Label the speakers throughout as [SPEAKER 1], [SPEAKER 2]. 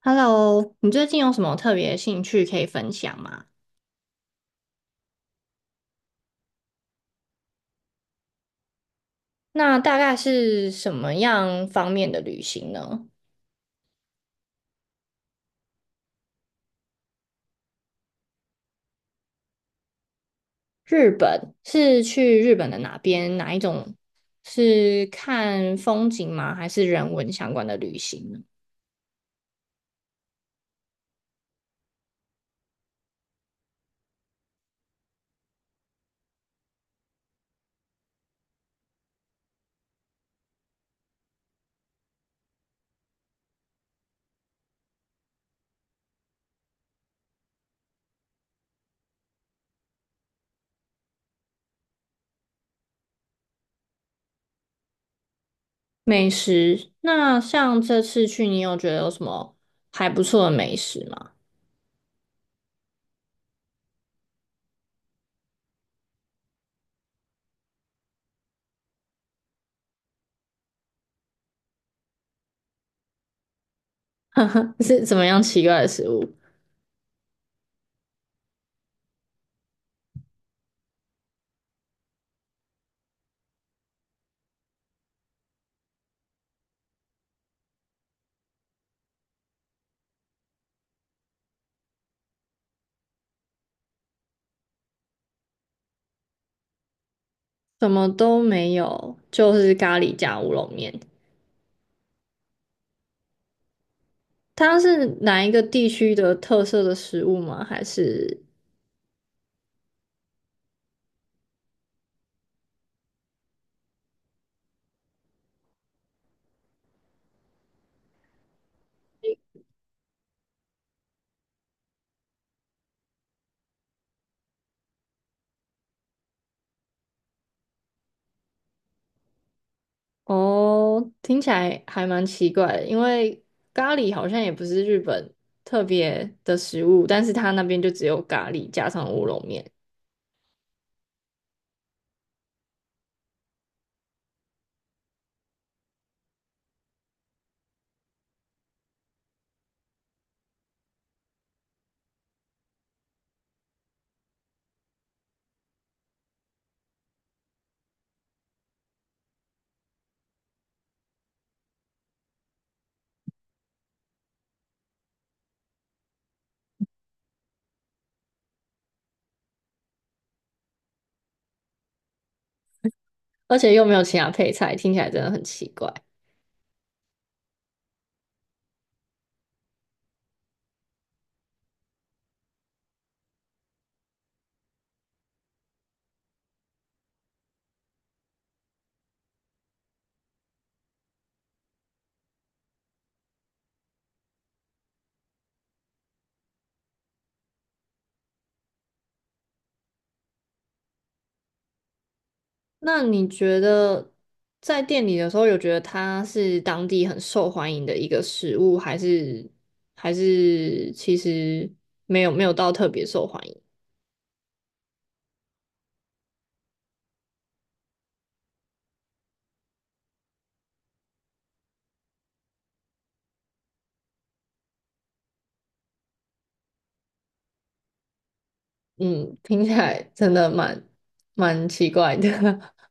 [SPEAKER 1] Hello，你最近有什么特别兴趣可以分享吗？那大概是什么样方面的旅行呢？日本是去日本的哪边？哪一种是看风景吗？还是人文相关的旅行呢？美食，那像这次去，你有觉得有什么还不错的美食吗？是怎么样奇怪的食物？什么都没有，就是咖喱加乌龙面。它是哪一个地区的特色的食物吗？还是哦，听起来还蛮奇怪的，因为咖喱好像也不是日本特别的食物，但是它那边就只有咖喱加上乌龙面，而且又没有其他配菜，听起来真的很奇怪。那你觉得在店里的时候，有觉得它是当地很受欢迎的一个食物，还是还是其实没有到特别受欢迎？嗯，听起来真的蛮奇怪的。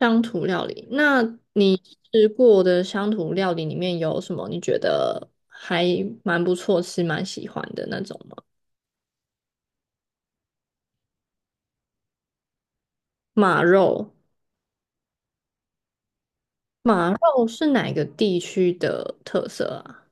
[SPEAKER 1] 乡土料理，那你吃过的乡土料理里面有什么你觉得还蛮不错是蛮喜欢的那种吗？马肉，马肉是哪个地区的特色啊？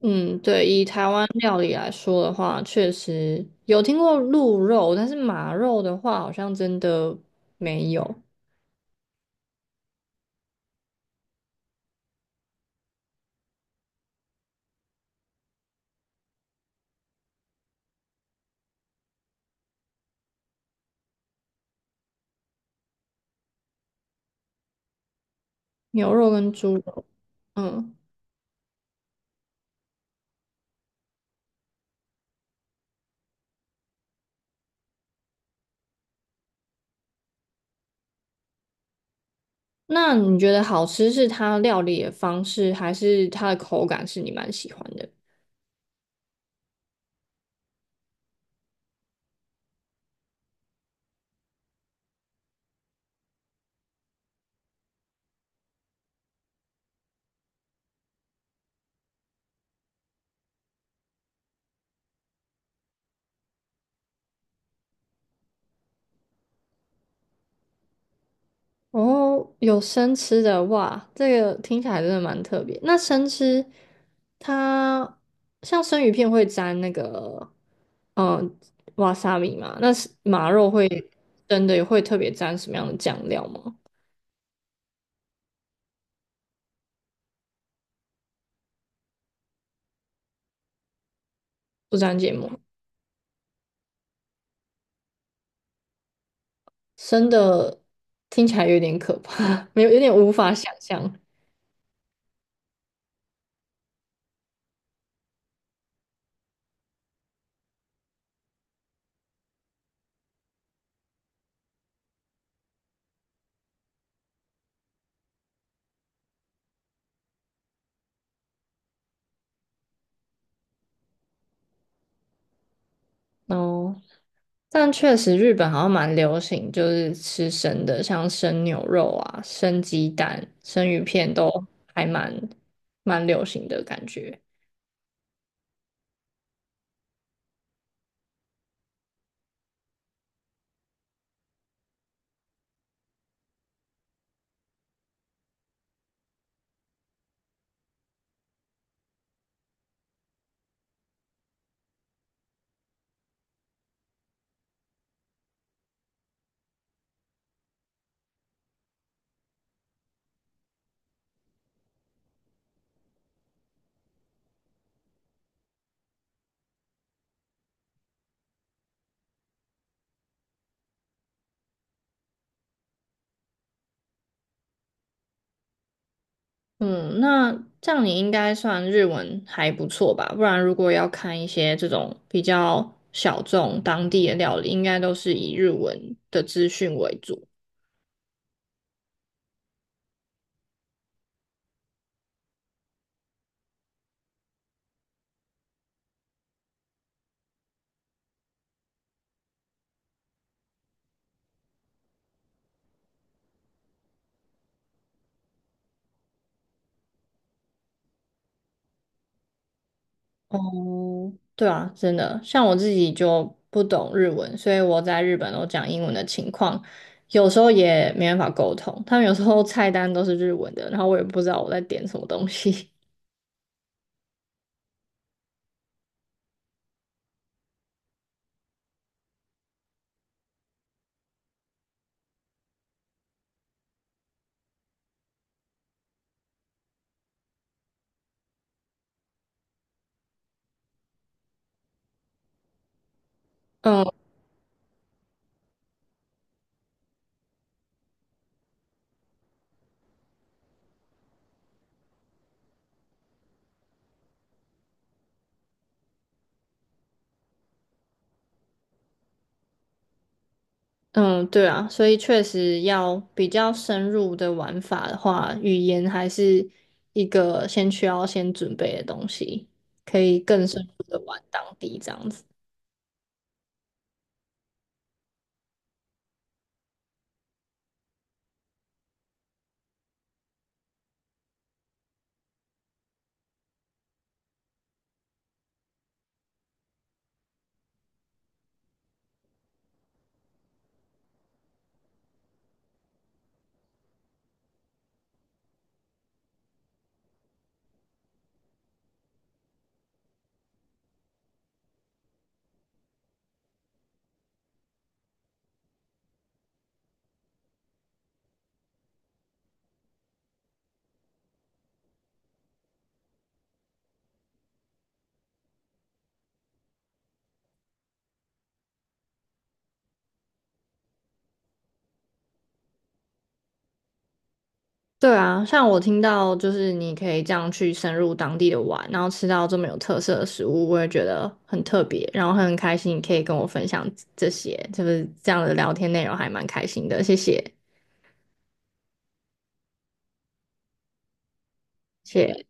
[SPEAKER 1] 嗯，对，以台湾料理来说的话，确实有听过鹿肉，但是马肉的话，好像真的没有。牛肉跟猪肉，嗯。那你觉得好吃是它料理的方式，还是它的口感是你蛮喜欢的？哦，有生吃的哇，这个听起来真的蛮特别。那生吃它像生鱼片会沾那个嗯瓦萨比嘛？那是马肉会真的会特别沾什么样的酱料吗？不沾芥末，生的听起来有点可怕，没有有点无法想象。哦，但确实日本好像蛮流行，就是吃生的，像生牛肉啊、生鸡蛋、生鱼片都还蛮流行的感觉。嗯，那这样你应该算日文还不错吧？不然如果要看一些这种比较小众当地的料理，应该都是以日文的资讯为主。哦，对啊，真的，像我自己就不懂日文，所以我在日本都讲英文的情况，有时候也没办法沟通。他们有时候菜单都是日文的，然后我也不知道我在点什么东西。嗯嗯，对啊，所以确实要比较深入的玩法的话，语言还是一个需要先准备的东西，可以更深入的玩当地这样子。对啊，像我听到就是你可以这样去深入当地的玩，然后吃到这么有特色的食物，我也觉得很特别，然后很开心你可以跟我分享这些，就是这样的聊天内容还蛮开心的，谢谢，谢谢。